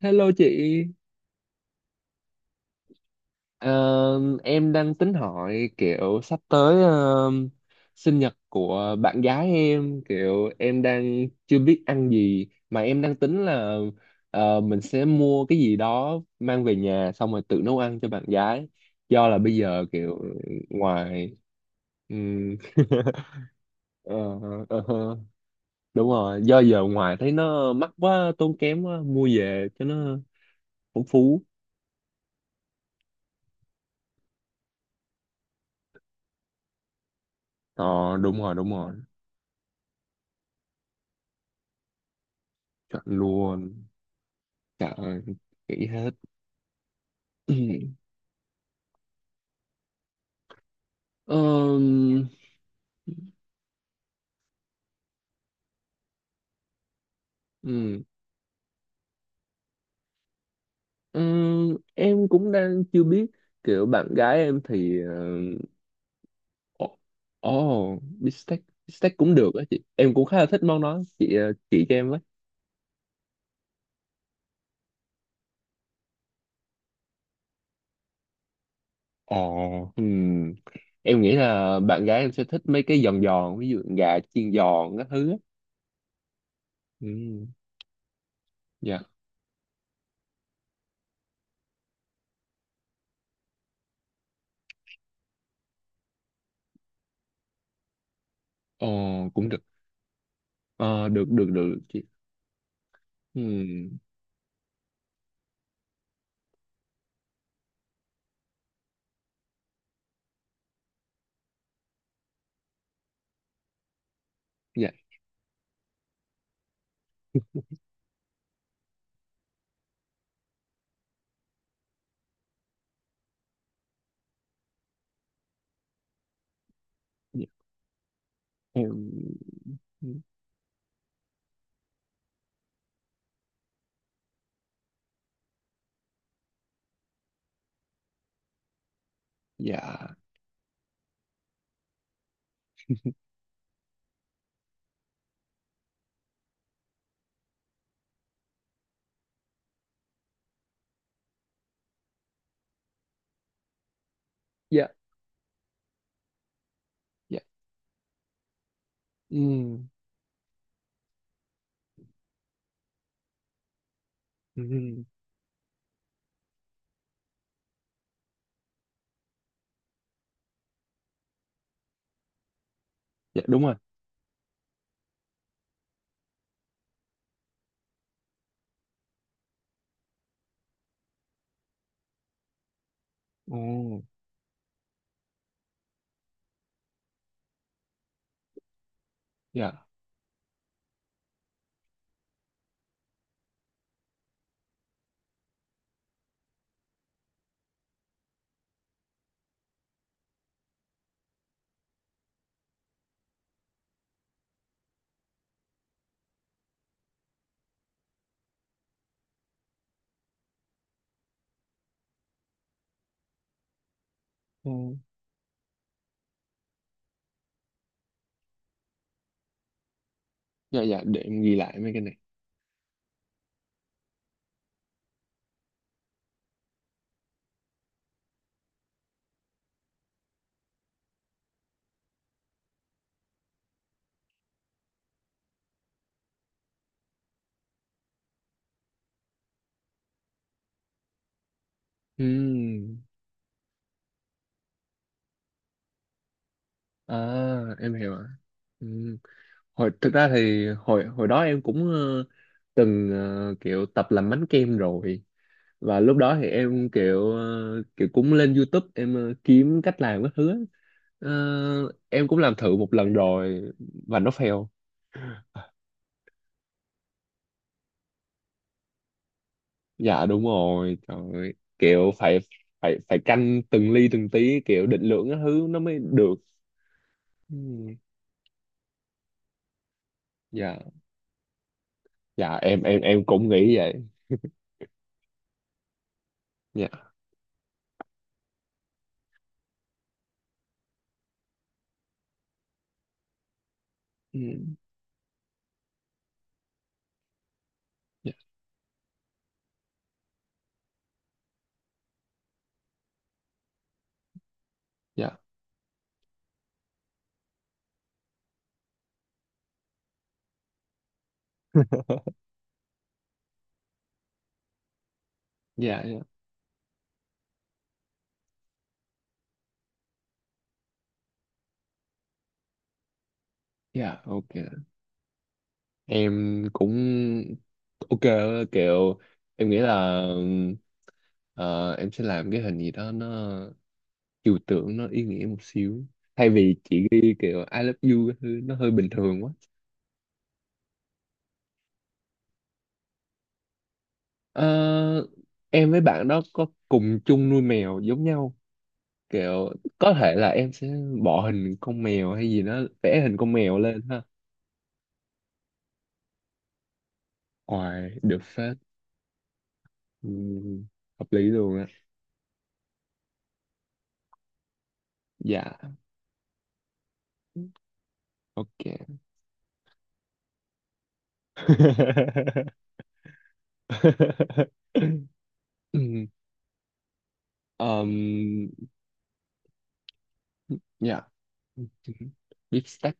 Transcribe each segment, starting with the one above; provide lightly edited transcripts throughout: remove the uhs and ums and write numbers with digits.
Hello chị. Ờ, em đang tính hỏi kiểu sắp tới sinh nhật của bạn gái em, kiểu em đang chưa biết ăn gì mà em đang tính là mình sẽ mua cái gì đó mang về nhà xong rồi tự nấu ăn cho bạn gái. Do là bây giờ kiểu ngoài ừm, Ờ, ờ, ờ. Đúng rồi, do giờ ngoài thấy nó mắc quá, tốn kém quá, mua về cho nó phong phú. ờ Đúng rồi đúng rồi, chọn luôn, trời ơi, nghĩ hết. Ờm, ừm, em cũng đang chưa biết, kiểu bạn gái em thì uh, oh, bistec. Bistec cũng được á chị, em cũng khá là thích món đó chị, chị cho em với. Ồ, ừm, em nghĩ là bạn gái em sẽ thích mấy cái giòn giòn, ví dụ gà chiên giòn các thứ á. Ừm, dạ. Ồ, cũng được. Ờ, được được được chị. Ừm, dạ dạ em dạ dạ dạ ừ ừ dạ đúng rồi ồ dạ ừ. Dạ dạ, để em ghi lại mấy cái này. Ừ. À, em hiểu rồi. Ừ. Hồi thực ra thì hồi hồi đó em cũng từng kiểu tập làm bánh kem rồi, và lúc đó thì em kiểu kiểu cũng lên YouTube, em kiếm cách làm các thứ á. Ờ, em cũng làm thử một lần rồi và nó fail. Dạ đúng rồi, trời ơi. Kiểu phải phải phải canh từng ly từng tí, kiểu định lượng cái thứ nó mới được. Ừ, dạ dạ em cũng nghĩ vậy. Dạ. Ừ, dạ dạ dạ dạ. Dạ, ok. Em cũng ok, kiểu em nghĩ là ờ, em sẽ làm cái hình gì đó nó chiều tượng, nó ý nghĩa một xíu, thay vì chỉ ghi kiểu I love you, cái thứ nó hơi bình thường quá. Ờ, em với bạn đó có cùng chung nuôi mèo giống nhau, kiểu có thể là em sẽ bỏ hình con mèo hay gì đó, vẽ hình con mèo lên ha. Ôi, được phết. Ừm, hợp lý luôn á. Dạ ok. Ừm, ờm, dạ beef steak.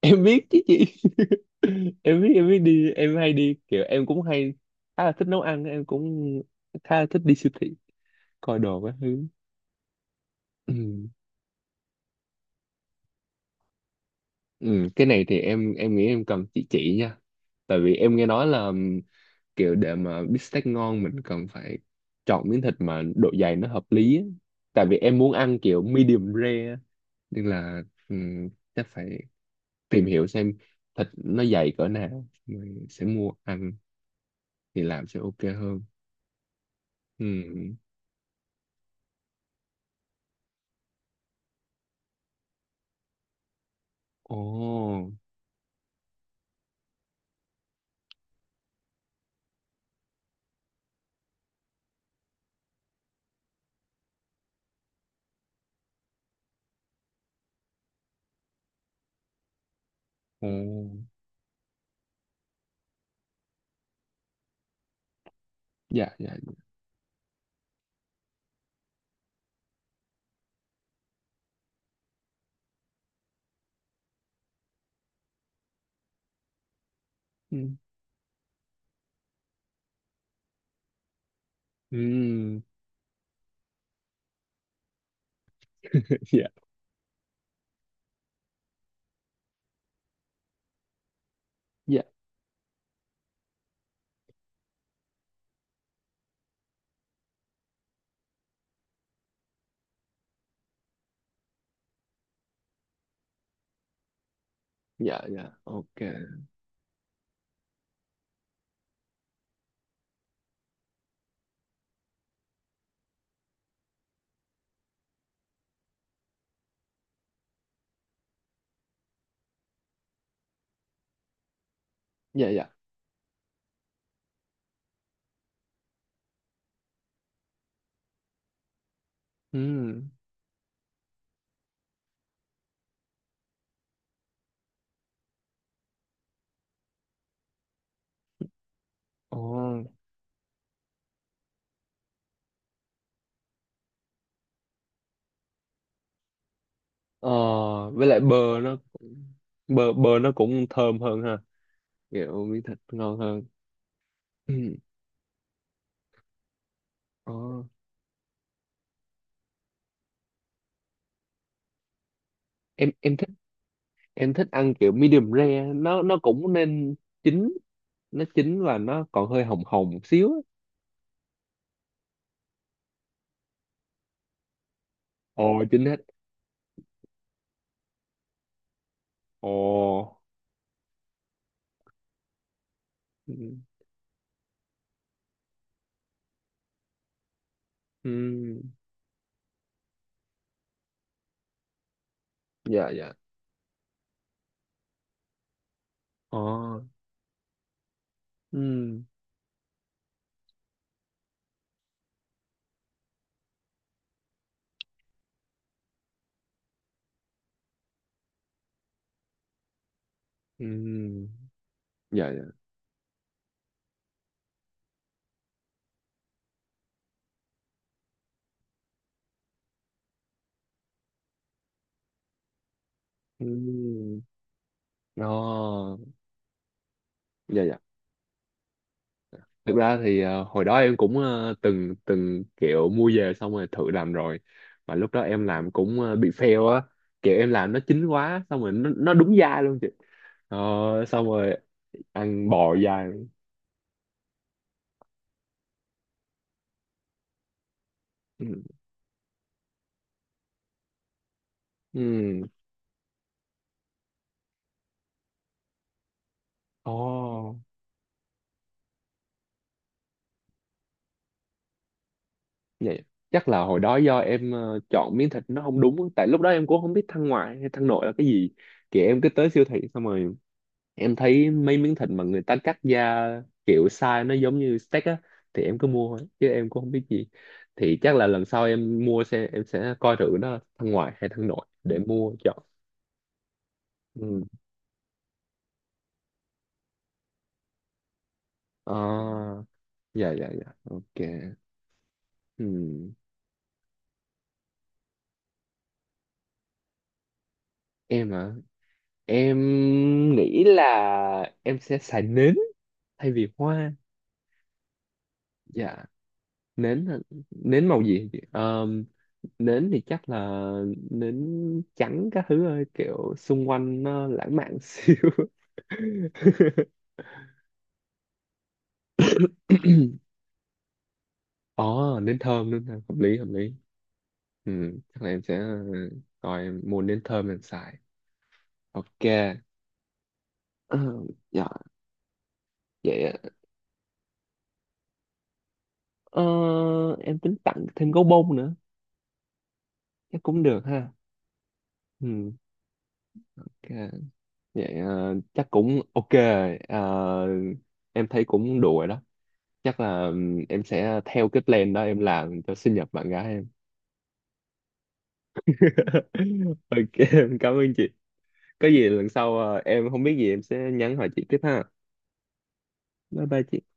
Em biết chứ chị. Em biết, em biết đi, em hay đi, kiểu em cũng hay khá là thích nấu ăn, em cũng khá là thích đi siêu thị coi đồ các thứ. Ừ. Ừ, cái này thì em nghĩ em cần chị chỉ nha, tại vì em nghe nói là kiểu để mà bít tết ngon mình cần phải chọn miếng thịt mà độ dày nó hợp lý á, tại vì em muốn ăn kiểu medium rare á, nên là um, chắc phải tìm hiểu xem thịt nó dày cỡ nào rồi sẽ mua ăn thì làm sẽ ok hơn. Ừ. Ồ, ồ, dạ, dạ, ừ, ừ, dạ, dạ, dạ, dạ, ok, dạ, dạ. Ừ. Ồ. Ờ, với lại bơ nó cũng- bơ bơ nó cũng thơm hơn ha. Kiểu miếng thịt ngon hơn. Ừ. Ờ. Em em thích em thích ăn kiểu medium rare, nó cũng nên chín, nó chín và nó còn hơi hồng hồng một xíu á. Ồ chín hết. Ồ. Ừ. Ừ. Dạ dạ. Ồ. Ừ. Ừ. Dạ dạ. Ừ. Ồ. Dạ dạ. Thực ra thì hồi đó em cũng từng từng kiểu mua về xong rồi thử làm rồi, mà lúc đó em làm cũng bị fail á, kiểu em làm nó chín quá xong rồi nó đúng dai luôn chị. ờ, xong rồi ăn bò dai. Ừ. Ừ. Ồ, vậy chắc là hồi đó do em chọn miếng thịt nó không đúng á, tại lúc đó em cũng không biết thăn ngoại hay thăn nội là cái gì, kiểu em cứ tới siêu thị xong rồi em thấy mấy miếng thịt mà người ta cắt ra, kiểu size nó giống như steak á, thì em cứ mua thôi chứ em cũng không biết gì. Thì chắc là lần sau em mua sẽ em sẽ coi thử nó thân ngoại hay thân nội để mua chọn. Ừ. À, dạ dạ dạ ok. Ừ. Em hả? Em nghĩ là em sẽ xài nến thay vì hoa. Dạ nến hả? Nến màu gì? Ờ, nến thì chắc là nến trắng các thứ, ơi kiểu xung quanh nó lãng mạn xíu. Ồ, nến thơm đúng không? Hợp lý, hợp lý. Ừ, chắc là em sẽ coi em mua nến thơm em xài. Ok. Ờ, dạ, vậy ạ. Ờ, em tính tặng thêm gấu bông nữa. Chắc cũng được ha. Ừ, ok. Vậy chắc cũng ok. Ờ, em thấy cũng đủ rồi đó. Chắc là em sẽ theo cái plan đó em làm cho sinh nhật bạn gái em. Ok em cảm ơn chị, có gì lần sau em không biết gì em sẽ nhắn hỏi chị tiếp ha. Bye bye chị.